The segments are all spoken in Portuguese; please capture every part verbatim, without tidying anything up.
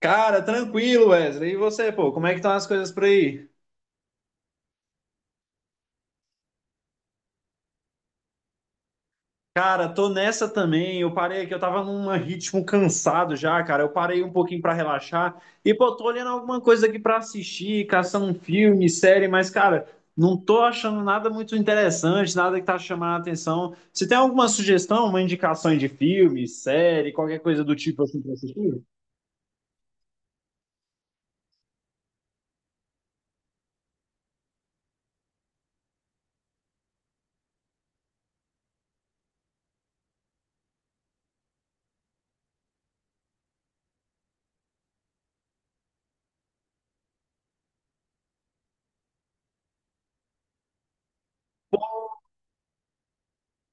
Cara, tranquilo, Wesley. E você, pô, como é que estão as coisas por aí? Cara, tô nessa também. Eu parei aqui, eu tava num ritmo cansado já, cara. Eu parei um pouquinho pra relaxar. E, pô, tô olhando alguma coisa aqui pra assistir, caçando um filme, série, mas, cara, não tô achando nada muito interessante, nada que tá chamando a atenção. Você tem alguma sugestão, uma indicação de filme, série, qualquer coisa do tipo assim pra assistir?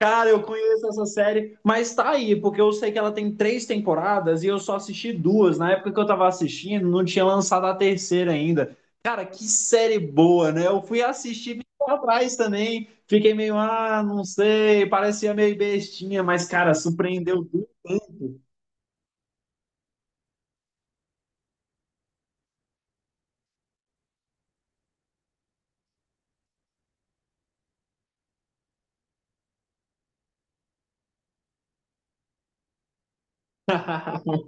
Cara, eu conheço essa série, mas tá aí, porque eu sei que ela tem três temporadas e eu só assisti duas. Na época que eu tava assistindo, não tinha lançado a terceira ainda. Cara, que série boa, né? Eu fui assistir lá atrás também, fiquei meio, ah, não sei, parecia meio bestinha, mas, cara, surpreendeu tudo.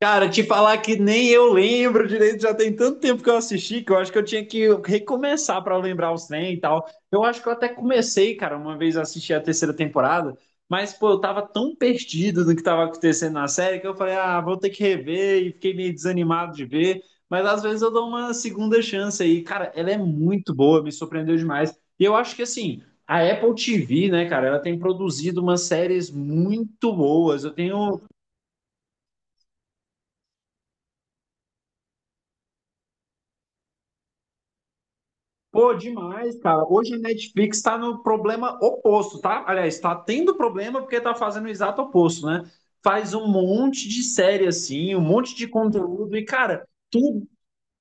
Cara, te falar que nem eu lembro direito, já tem tanto tempo que eu assisti que eu acho que eu tinha que recomeçar pra lembrar os trem e tal. Eu acho que eu até comecei, cara, uma vez a assistir a terceira temporada, mas pô, eu tava tão perdido no que tava acontecendo na série que eu falei, ah, vou ter que rever e fiquei meio desanimado de ver, mas às vezes eu dou uma segunda chance aí. Cara, ela é muito boa, me surpreendeu demais. E eu acho que assim, a Apple T V, né, cara, ela tem produzido umas séries muito boas. Eu tenho. Pô, demais, cara. Hoje a Netflix tá no problema oposto, tá? Aliás, tá tendo problema porque tá fazendo o exato oposto, né? Faz um monte de série assim, um monte de conteúdo e, cara, tudo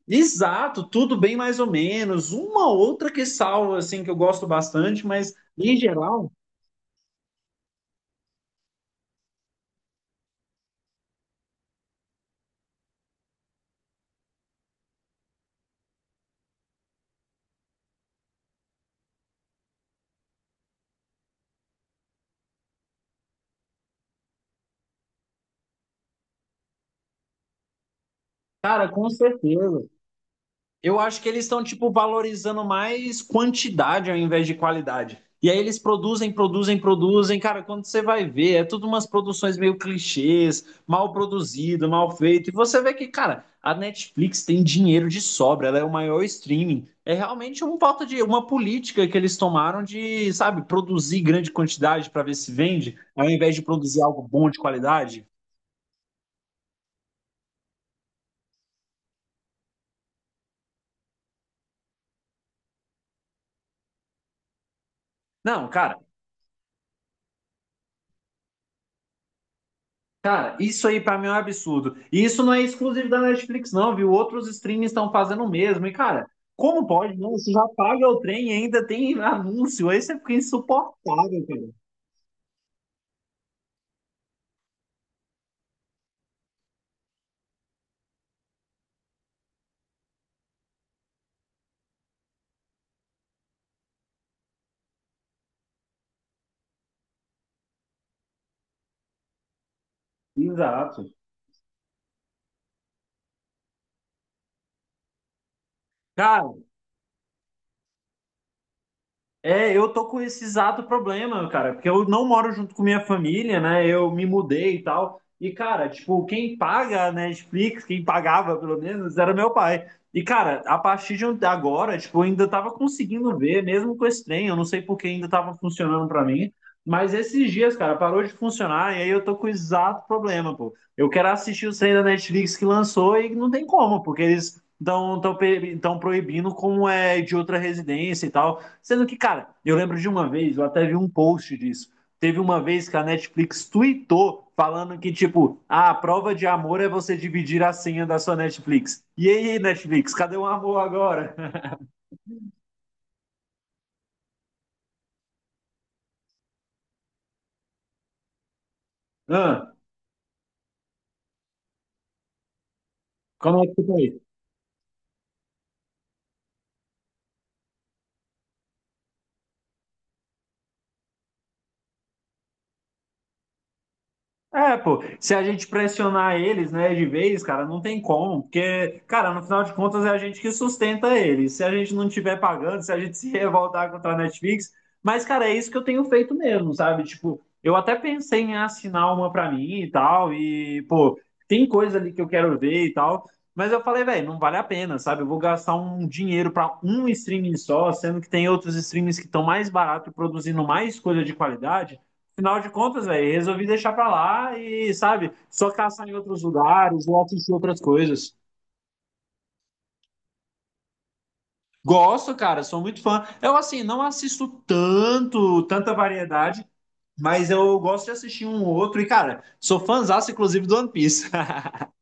exato, tudo bem mais ou menos. Uma outra que salva, assim, que eu gosto bastante, mas em geral, cara, com certeza. Eu acho que eles estão, tipo, valorizando mais quantidade ao invés de qualidade. E aí eles produzem, produzem, produzem. Cara, quando você vai ver, é tudo umas produções meio clichês, mal produzido, mal feito. E você vê que, cara, a Netflix tem dinheiro de sobra, ela é o maior streaming. É realmente uma falta de uma política que eles tomaram de, sabe, produzir grande quantidade para ver se vende, ao invés de produzir algo bom de qualidade. Não, cara. Cara, isso aí pra mim é um absurdo. E isso não é exclusivo da Netflix, não, viu? Outros streams estão fazendo o mesmo. E, cara, como pode, não? Você já paga o trem e ainda tem anúncio. Aí você fica insuportável, cara. Exato. Cara, é, eu tô com esse exato problema, cara, porque eu não moro junto com minha família, né? Eu me mudei e tal. E, cara, tipo, quem paga a Netflix, quem pagava pelo menos, era meu pai. E, cara, a partir de ontem- agora, tipo, eu ainda tava conseguindo ver, mesmo com esse trem, eu não sei por que ainda tava funcionando pra mim. Mas esses dias, cara, parou de funcionar e aí eu tô com o exato problema, pô. Eu quero assistir o trem da Netflix que lançou e não tem como, porque eles estão proibindo como é de outra residência e tal. Sendo que, cara, eu lembro de uma vez, eu até vi um post disso. Teve uma vez que a Netflix tweetou falando que, tipo, ah, a prova de amor é você dividir a senha da sua Netflix. E aí, Netflix, cadê o amor agora? Ah, como é que tá aí? É, pô, se a gente pressionar eles, né, de vez, cara, não tem como, porque, cara, no final de contas é a gente que sustenta eles. Se a gente não tiver pagando, se a gente se revoltar contra a Netflix, mas, cara, é isso que eu tenho feito mesmo, sabe? Tipo, eu até pensei em assinar uma pra mim e tal, e, pô, tem coisa ali que eu quero ver e tal, mas eu falei, velho, não vale a pena, sabe? Eu vou gastar um dinheiro pra um streaming só, sendo que tem outros streamings que estão mais barato e produzindo mais coisa de qualidade. Afinal de contas, velho, resolvi deixar pra lá e, sabe, só caçar em outros lugares ou assistir outras coisas. Gosto, cara, sou muito fã. Eu, assim, não assisto tanto, tanta variedade, mas eu gosto de assistir um ou outro. E, cara, sou fãzaço, inclusive, do One Piece.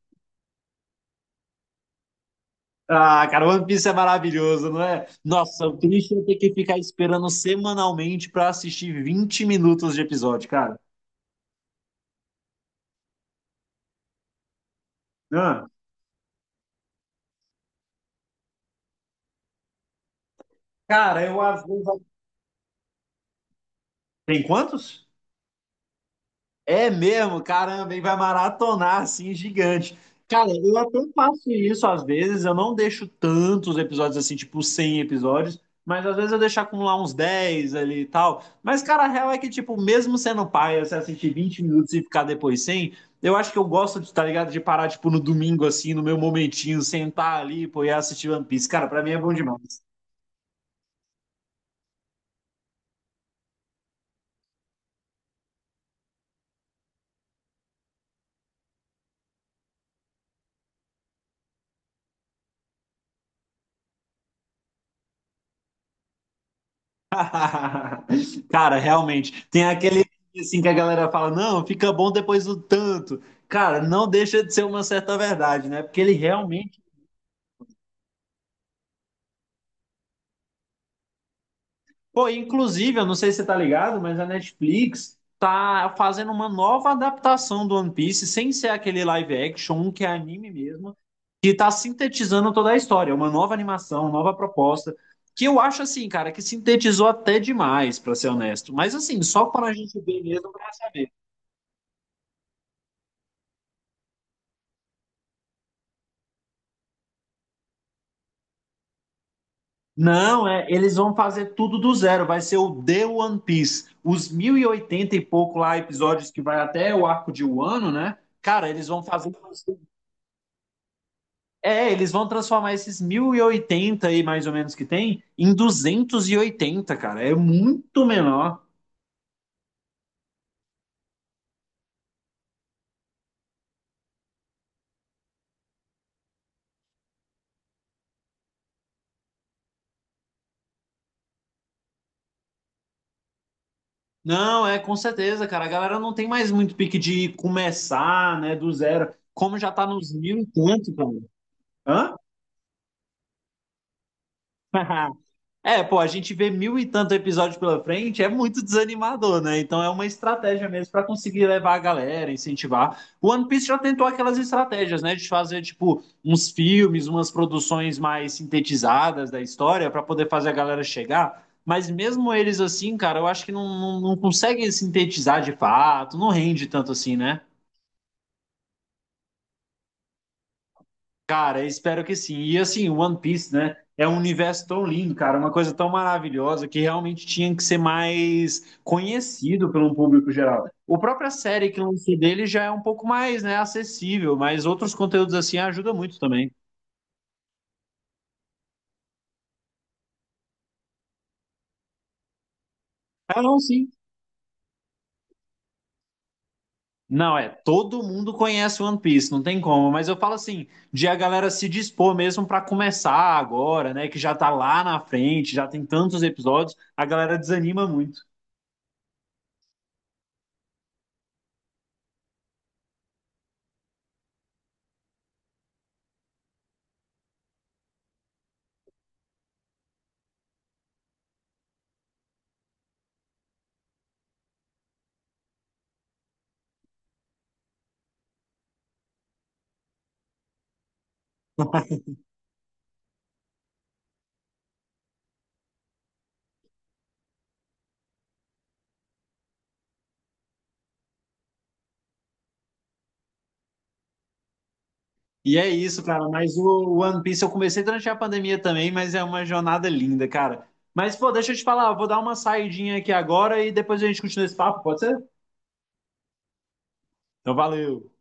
Ah, cara, One Piece é maravilhoso, não é? Nossa, o triste é ter que ficar esperando semanalmente pra assistir vinte minutos de episódio, cara. Ah, cara, eu às vezes. Tem quantos? É mesmo, caramba, e vai maratonar assim, gigante. Cara, eu até faço isso às vezes, eu não deixo tantos episódios assim, tipo cem episódios, mas às vezes eu deixo acumular uns dez ali e tal. Mas, cara, a real é que, tipo, mesmo sendo paia, se assistir vinte minutos e ficar depois sem, eu acho que eu gosto, de, tá ligado, de parar, tipo, no domingo, assim, no meu momentinho, sentar ali, pô, e assistir One Piece. Cara, pra mim é bom demais. Cara, realmente, tem aquele assim que a galera fala, não, fica bom depois do tanto. Cara, não deixa de ser uma certa verdade, né? Porque ele realmente, pô, inclusive, eu não sei se você tá ligado, mas a Netflix tá fazendo uma nova adaptação do One Piece, sem ser aquele live action, um que é anime mesmo, que tá sintetizando toda a história, uma nova animação, nova proposta, que eu acho assim, cara, que sintetizou até demais, pra ser honesto. Mas assim, só para a gente ver mesmo pra saber. Não, é, eles vão fazer tudo do zero, vai ser o The One Piece. Os mil e oitenta e pouco lá episódios que vai até o arco de Wano, né? Cara, eles vão fazer. É, eles vão transformar esses mil e oitenta aí, mais ou menos, que tem, em duzentos e oitenta, cara. É muito menor. Não, é com certeza, cara. A galera não tem mais muito pique de começar, né, do zero. Como já tá nos mil e tanto, cara. Hã? É, pô, a gente vê mil e tanto episódios pela frente, é muito desanimador, né? Então é uma estratégia mesmo para conseguir levar a galera, incentivar. O One Piece já tentou aquelas estratégias, né? De fazer, tipo, uns filmes, umas produções mais sintetizadas da história para poder fazer a galera chegar. Mas mesmo eles assim, cara, eu acho que não, não, não conseguem sintetizar de fato, não rende tanto assim, né? Cara, espero que sim. E assim, One Piece, né? É um universo tão lindo, cara, uma coisa tão maravilhosa que realmente tinha que ser mais conhecido pelo público geral. O própria série que lançou dele já é um pouco mais, né, acessível, mas outros conteúdos assim ajudam muito também. Ah, não, sim. Não, é, todo mundo conhece One Piece, não tem como, mas eu falo assim, de a galera se dispor mesmo pra começar agora, né, que já tá lá na frente, já tem tantos episódios, a galera desanima muito. E é isso, cara. Mas o One Piece eu comecei durante a pandemia também, mas é uma jornada linda, cara. Mas, pô, deixa eu te falar, eu vou dar uma saidinha aqui agora e depois a gente continua esse papo, pode ser? Então, valeu.